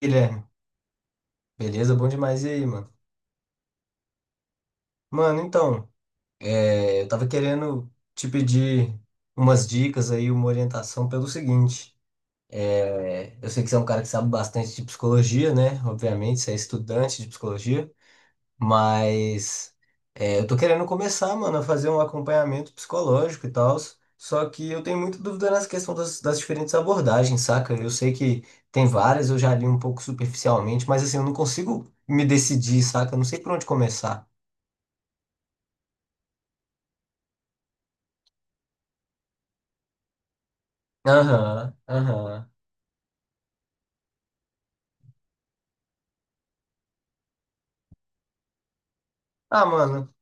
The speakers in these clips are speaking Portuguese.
Guilherme, beleza? Bom demais. E aí, mano? Mano, então, eu tava querendo te pedir umas dicas aí, uma orientação pelo seguinte. É, eu sei que você é um cara que sabe bastante de psicologia, né? Obviamente, você é estudante de psicologia, mas eu tô querendo começar, mano, a fazer um acompanhamento psicológico e tal. Só que eu tenho muita dúvida nessa questão das diferentes abordagens, saca? Eu sei que tem várias, eu já li um pouco superficialmente, mas assim, eu não consigo me decidir, saca? Eu não sei por onde começar. Aham, aham. Ah, mano,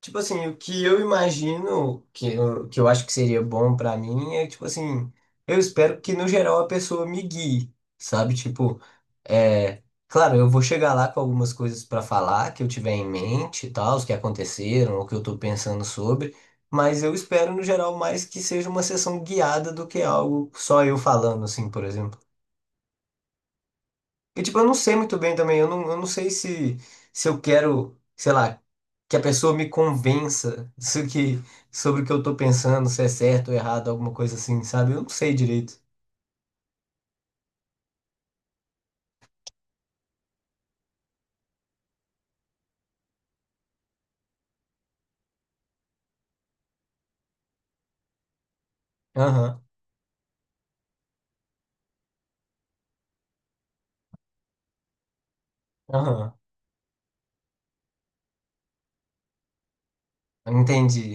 tipo assim, o que eu imagino que eu acho que seria bom pra mim é, tipo assim, eu espero que no geral a pessoa me guie, sabe? Tipo, é. Claro, eu vou chegar lá com algumas coisas pra falar que eu tiver em mente e tal, os que aconteceram, o que eu tô pensando sobre, mas eu espero no geral mais que seja uma sessão guiada do que algo só eu falando, assim, por exemplo. E, tipo, eu não sei muito bem também. Eu não sei se, se eu quero, sei lá, que a pessoa me convença se que, sobre o que eu tô pensando, se é certo ou errado, alguma coisa assim, sabe? Eu não sei direito. Aham, aham. Entendi.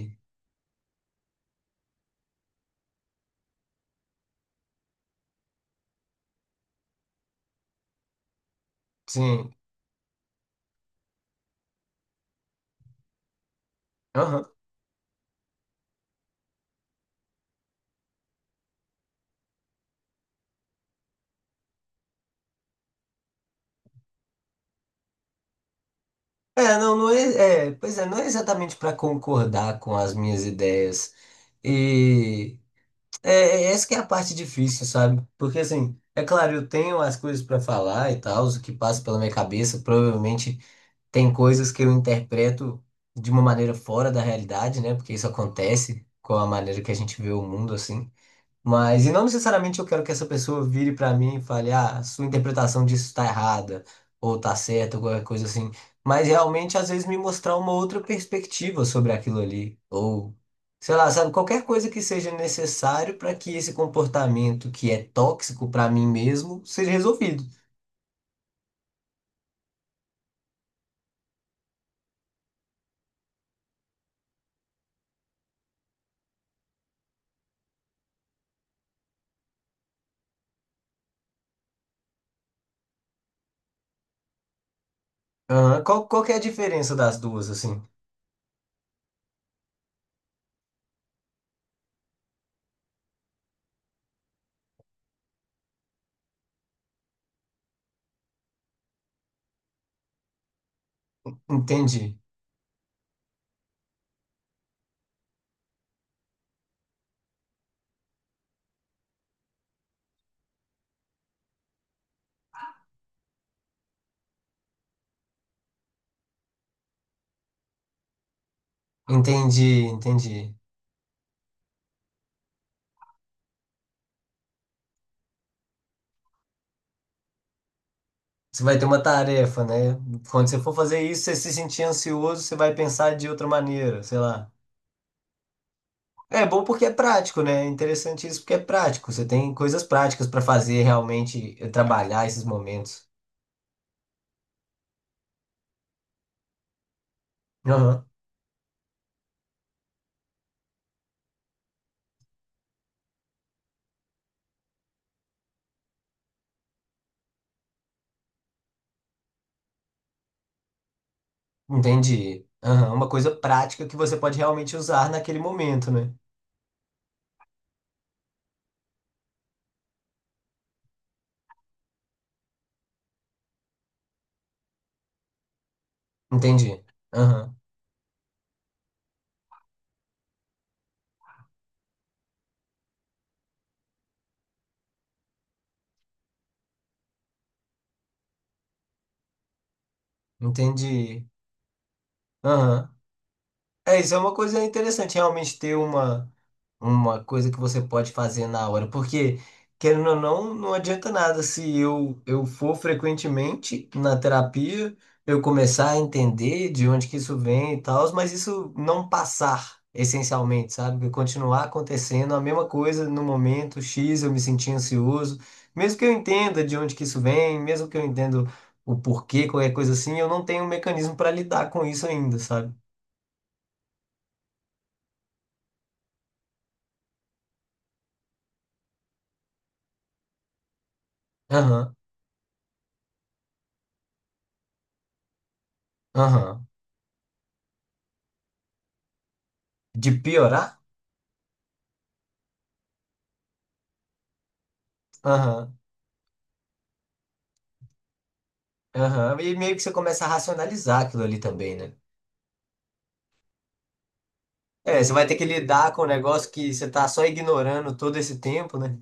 Sim. Aham. É, não, não é, é. Pois é, não é exatamente para concordar com as minhas ideias. E é, é essa que é a parte difícil, sabe? Porque, assim, é claro, eu tenho as coisas para falar e tal, o que passa pela minha cabeça, provavelmente. Tem coisas que eu interpreto de uma maneira fora da realidade, né? Porque isso acontece com a maneira que a gente vê o mundo assim. Mas, e não necessariamente eu quero que essa pessoa vire pra mim e fale, ah, sua interpretação disso tá errada, ou tá certa, ou qualquer coisa assim. Mas realmente, às vezes, me mostrar uma outra perspectiva sobre aquilo ali. Ou, sei lá, sabe, qualquer coisa que seja necessário para que esse comportamento que é tóxico pra mim mesmo seja resolvido. Aham, qual, qual que é a diferença das duas, assim? Entendi. Entendi, entendi. Você vai ter uma tarefa, né? Quando você for fazer isso, você se sentir ansioso, você vai pensar de outra maneira, sei lá. É bom porque é prático, né? É interessante isso porque é prático. Você tem coisas práticas para fazer realmente trabalhar esses momentos. Aham, entendi. Aham, uma coisa prática que você pode realmente usar naquele momento, né? Entendi. Aham, entendi. Aham. É, isso é uma coisa interessante, realmente ter uma coisa que você pode fazer na hora, porque, querendo ou não, não adianta nada se eu for frequentemente na terapia, eu começar a entender de onde que isso vem e tal, mas isso não passar, essencialmente, sabe? Continuar acontecendo a mesma coisa no momento X, eu me senti ansioso, mesmo que eu entenda de onde que isso vem, mesmo que eu entenda o porquê, qualquer coisa assim, eu não tenho um mecanismo para lidar com isso ainda, sabe? Aham. Aham. De piorar? Aham. Aham. E meio que você começa a racionalizar aquilo ali também, né? É, você vai ter que lidar com um negócio que você tá só ignorando todo esse tempo, né?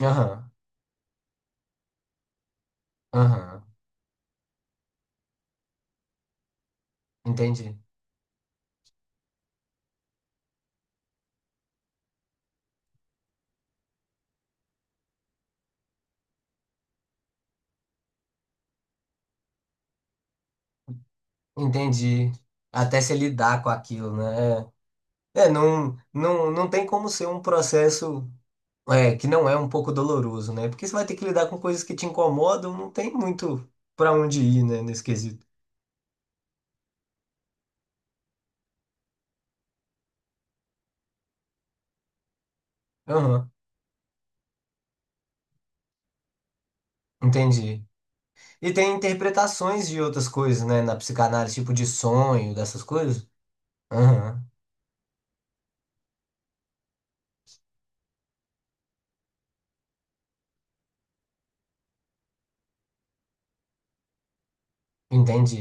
Aham. Aham. Entendi. Entendi. Até se lidar com aquilo, né? É, é, não, não, não tem como ser um processo é, que não é um pouco doloroso, né? Porque você vai ter que lidar com coisas que te incomodam, não tem muito pra onde ir, né, nesse quesito. Aham. Entendi. E tem interpretações de outras coisas, né? Na psicanálise, tipo de sonho, dessas coisas. Aham. Entendi.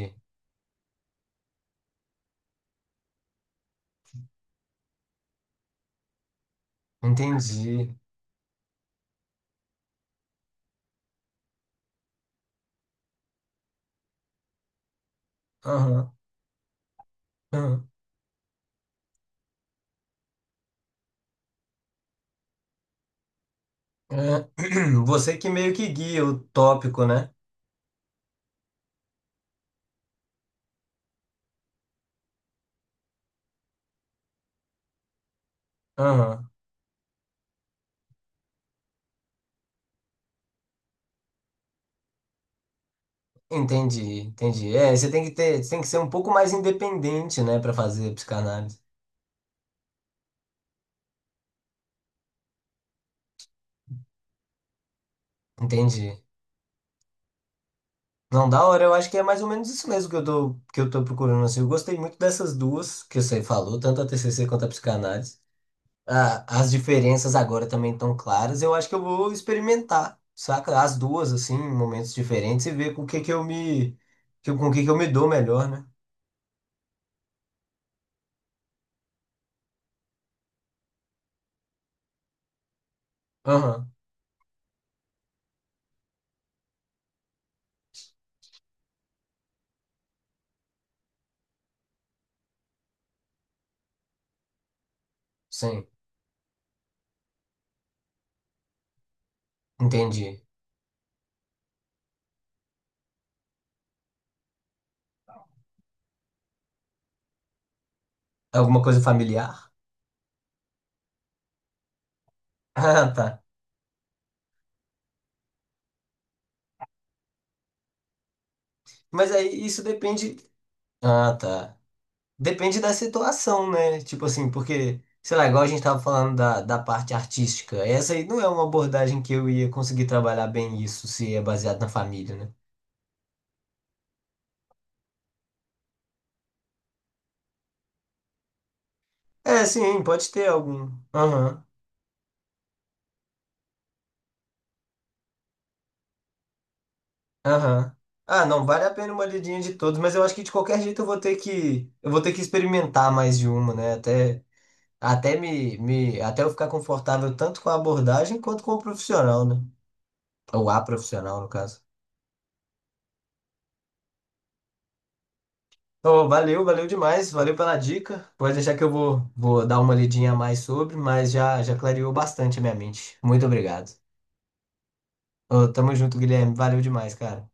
Entendi. Aham. aham, aham. Você que meio que guia o tópico, né? Aham. Entendi, entendi. É, você tem que ter, você tem que ser um pouco mais independente, né, pra fazer psicanálise. Entendi. Não, da hora, eu acho que é mais ou menos isso mesmo que eu tô procurando, assim. Eu gostei muito dessas duas que você falou, tanto a TCC quanto a psicanálise. A- as diferenças agora também estão claras. Eu acho que eu vou experimentar, saca? As duas, assim, em momentos diferentes e ver com o que que eu me, que- com o que que eu me dou melhor, né? Aham, sim, entendi. Alguma coisa familiar? Ah, tá. Mas aí isso depende. Ah, tá. Depende da situação, né? Tipo assim, porque, sei lá, igual a gente tava falando da parte artística, essa aí não é uma abordagem que eu ia conseguir trabalhar bem isso se é baseado na família, né? É, sim, pode ter algum. Aham. Aham. Ah, não, vale a pena uma lidinha de todos, mas eu acho que de qualquer jeito eu vou ter que experimentar mais de uma, né? Até, até eu ficar confortável tanto com a abordagem quanto com o profissional, né? Ou a profissional, no caso. Então, valeu, valeu demais, valeu pela dica. Pode deixar que eu vou dar uma lidinha a mais sobre, mas já, já clareou bastante a minha mente. Muito obrigado. Ô, tamo junto, Guilherme. Valeu demais, cara.